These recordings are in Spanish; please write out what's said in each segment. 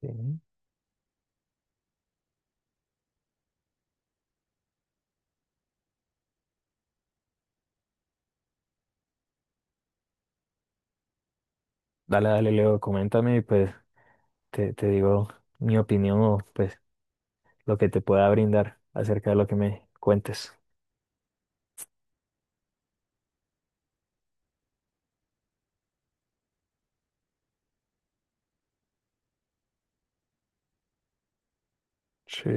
Sí. Dale, dale, Leo, coméntame y pues te digo mi opinión o pues lo que te pueda brindar acerca de lo que me cuentes. Sí.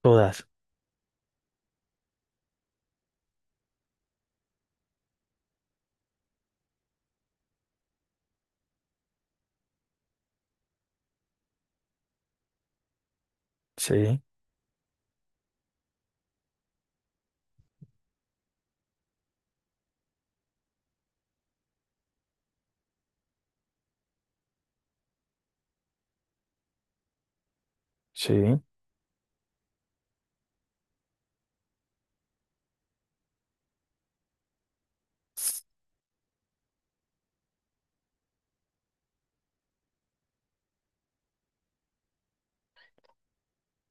Todas. Sí, sí.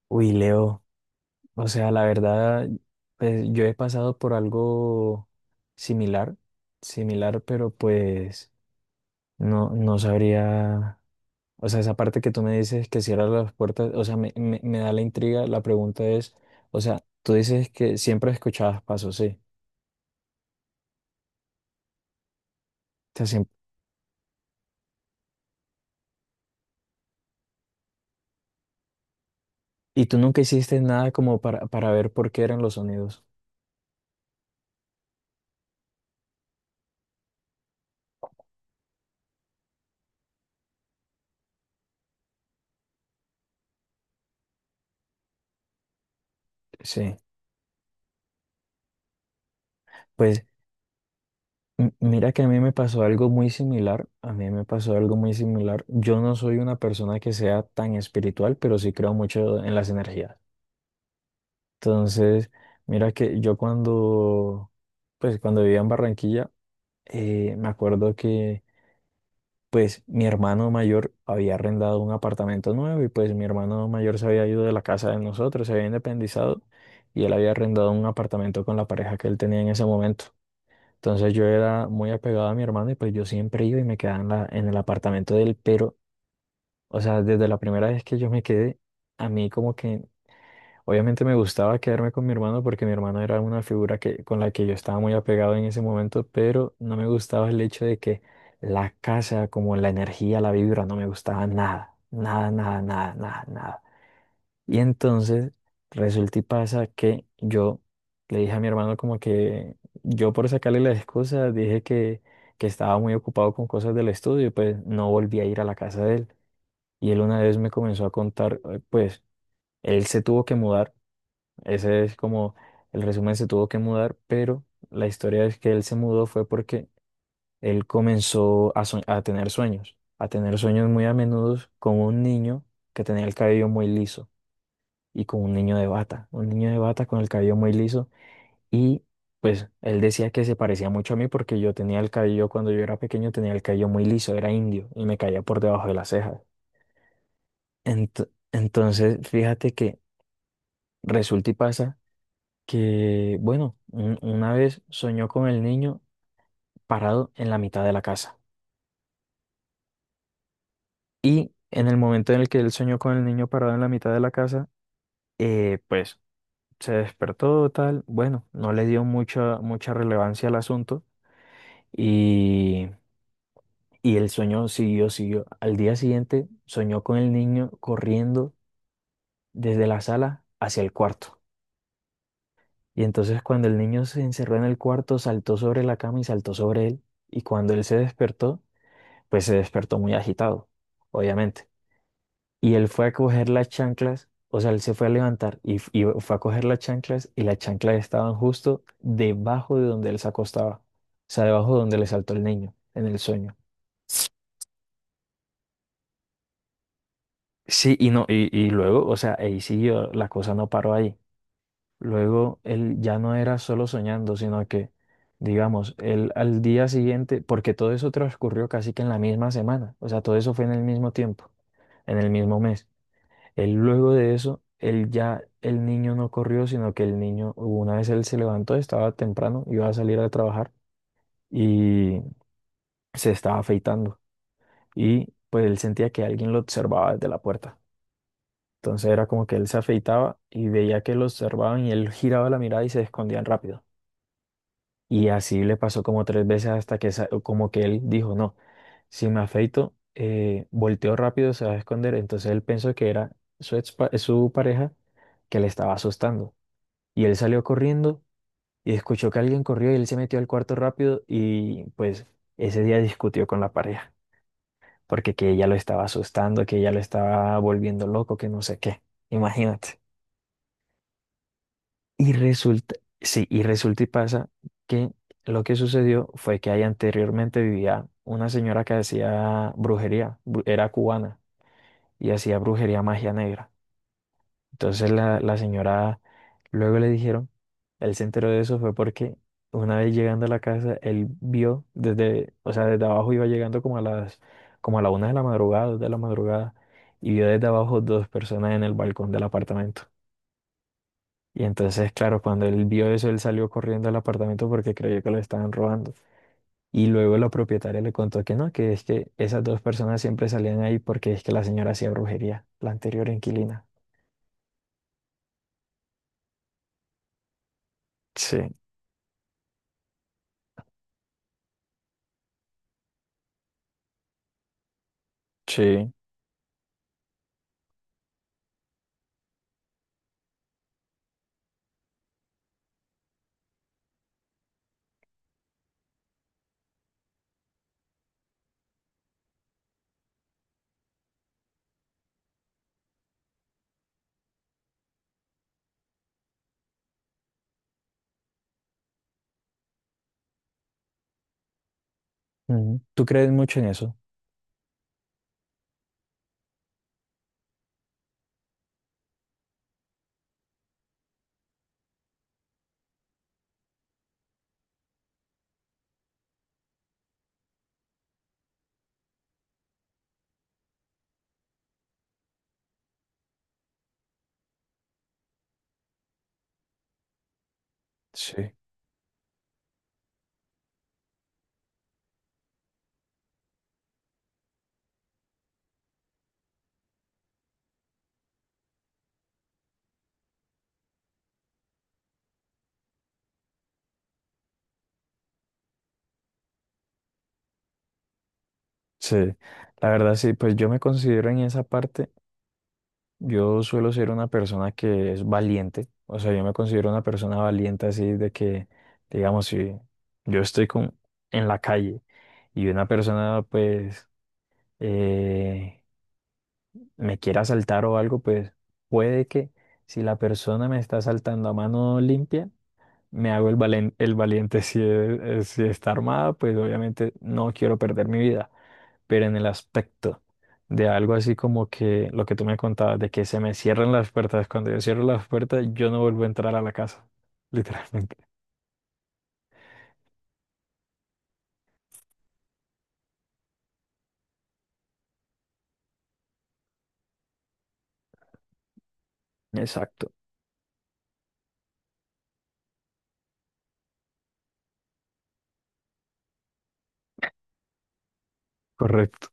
Uy, Leo, o sea, la verdad, pues yo he pasado por algo similar, similar, pero pues no sabría, o sea, esa parte que tú me dices que cierras las puertas, o sea, me da la intriga, la pregunta es, o sea, tú dices que siempre escuchabas pasos, sí. O sea, y tú nunca hiciste nada como para ver por qué eran los sonidos. Sí. Pues mira que a mí me pasó algo muy similar. A mí me pasó algo muy similar. Yo no soy una persona que sea tan espiritual, pero sí creo mucho en las energías. Entonces, mira que yo cuando, pues cuando vivía en Barranquilla, me acuerdo que pues mi hermano mayor había arrendado un apartamento nuevo y pues mi hermano mayor se había ido de la casa de nosotros, se había independizado y él había arrendado un apartamento con la pareja que él tenía en ese momento. Entonces yo era muy apegado a mi hermano y pues yo siempre iba y me quedaba en la, en el apartamento de él, pero, o sea, desde la primera vez que yo me quedé, a mí como que obviamente me gustaba quedarme con mi hermano porque mi hermano era una figura que, con la que yo estaba muy apegado en ese momento, pero no me gustaba el hecho de que la casa, como la energía, la vibra, no me gustaba nada, nada, nada, nada, nada, nada. Y entonces resulta y pasa que yo le dije a mi hermano como que yo por sacarle las excusas dije que estaba muy ocupado con cosas del estudio y pues no volví a ir a la casa de él. Y él una vez me comenzó a contar, pues él se tuvo que mudar, ese es como el resumen, se tuvo que mudar, pero la historia es que él se mudó fue porque él comenzó a, a tener sueños muy a menudo con un niño que tenía el cabello muy liso y con un niño de bata, un niño de bata con el cabello muy liso y pues él decía que se parecía mucho a mí porque yo tenía el cabello, cuando yo era pequeño tenía el cabello muy liso, era indio y me caía por debajo de las cejas. Entonces, fíjate que resulta y pasa. Que, bueno, una vez soñó con el niño parado en la mitad de la casa. Y en el momento en el que él soñó con el niño parado en la mitad de la casa, pues se despertó tal, bueno, no le dio mucha, mucha relevancia al asunto y, y el sueño siguió, siguió. Al día siguiente soñó con el niño corriendo desde la sala hacia el cuarto. Y entonces cuando el niño se encerró en el cuarto, saltó sobre la cama y saltó sobre él. Y cuando él se despertó, pues se despertó muy agitado, obviamente. Y él fue a coger las chanclas, o sea, él se fue a levantar y, y fue a coger las chanclas y las chanclas estaban justo debajo de donde él se acostaba, o sea, debajo de donde le saltó el niño en el sueño. Sí, y no, y luego, o sea, ahí siguió, la cosa no paró ahí. Luego él ya no era solo soñando, sino que, digamos, él al día siguiente, porque todo eso transcurrió casi que en la misma semana, o sea, todo eso fue en el mismo tiempo, en el mismo mes. Él luego de eso, él ya, el niño no corrió, sino que el niño, una vez él se levantó, estaba temprano, iba a salir a trabajar y se estaba afeitando. Y pues él sentía que alguien lo observaba desde la puerta. Entonces era como que él se afeitaba y veía que lo observaban y él giraba la mirada y se escondían rápido. Y así le pasó como tres veces hasta que como que él dijo, no, si me afeito, volteo rápido, se va a esconder. Entonces él pensó que era su, su pareja que le estaba asustando. Y él salió corriendo y escuchó que alguien corrió y él se metió al cuarto rápido y pues ese día discutió con la pareja, porque que ella lo estaba asustando, que ella lo estaba volviendo loco, que no sé qué. Imagínate. Y resulta, sí, y resulta y pasa que lo que sucedió fue que ahí anteriormente vivía una señora que hacía brujería, era cubana y hacía brujería magia negra. Entonces la señora luego le dijeron, él se enteró de eso fue porque una vez llegando a la casa, él vio desde, o sea, desde abajo iba llegando como a las, como a la una de la madrugada, dos de la madrugada, y vio desde abajo dos personas en el balcón del apartamento. Y entonces, claro, cuando él vio eso, él salió corriendo al apartamento porque creyó que lo estaban robando. Y luego la propietaria le contó que no, que es que esas dos personas siempre salían ahí porque es que la señora hacía brujería, la anterior inquilina. Sí, sí. Ujú. ¿Tú crees mucho en eso? Sí, sí, la verdad sí, pues yo me considero en esa parte, yo suelo ser una persona que es valiente, o sea, yo me considero una persona valiente así de que, digamos, si yo estoy con, en la calle y una persona pues eh, me quiere asaltar o algo, pues puede que si la persona me está asaltando a mano limpia, me hago el el valiente, si, si está armada, pues obviamente no quiero perder mi vida. Pero en el aspecto de algo así como que lo que tú me contabas, de que se me cierran las puertas. Cuando yo cierro las puertas, yo no vuelvo a entrar a la casa, literalmente. Exacto. Correcto,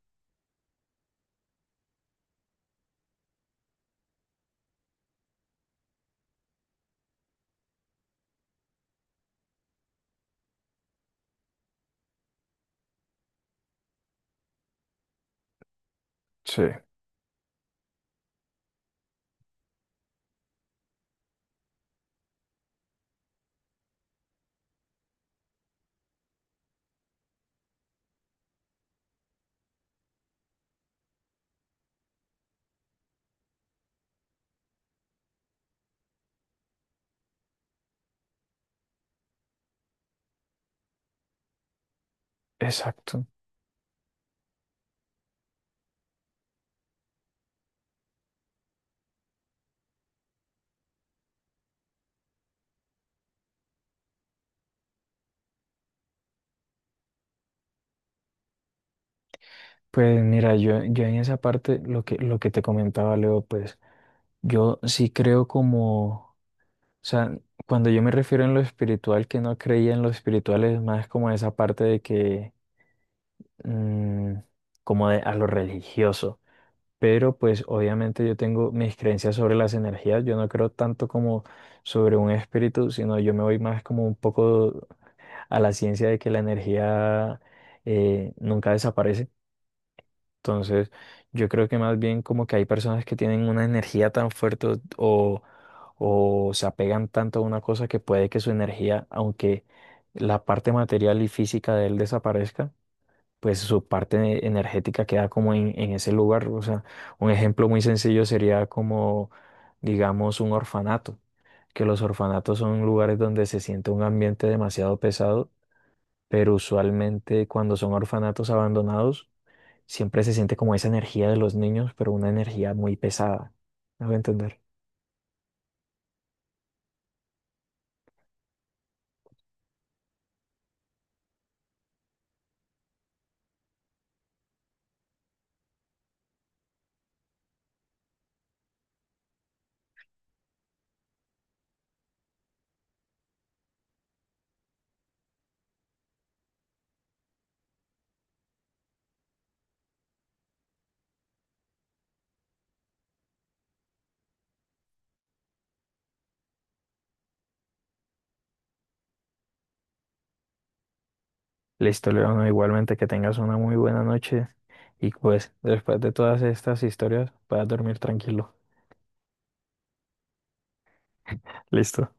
sí, exacto. Pues mira, yo en esa parte, lo que te comentaba, Leo, pues yo sí creo como, o sea, cuando yo me refiero en lo espiritual, que no creía en lo espiritual, es más como esa parte de que, mm, como de, a lo religioso. Pero pues obviamente yo tengo mis creencias sobre las energías, yo no creo tanto como sobre un espíritu, sino yo me voy más como un poco a la ciencia de que la energía nunca desaparece. Entonces, yo creo que más bien como que hay personas que tienen una energía tan fuerte o, o se apegan tanto a una cosa que puede que su energía, aunque la parte material y física de él desaparezca, pues su parte energética queda como en ese lugar. O sea, un ejemplo muy sencillo sería como, digamos, un orfanato, que los orfanatos son lugares donde se siente un ambiente demasiado pesado, pero usualmente cuando son orfanatos abandonados, siempre se siente como esa energía de los niños, pero una energía muy pesada. ¿Me voy a entender? Listo, León, igualmente que tengas una muy buena noche y pues después de todas estas historias puedas dormir tranquilo. Listo.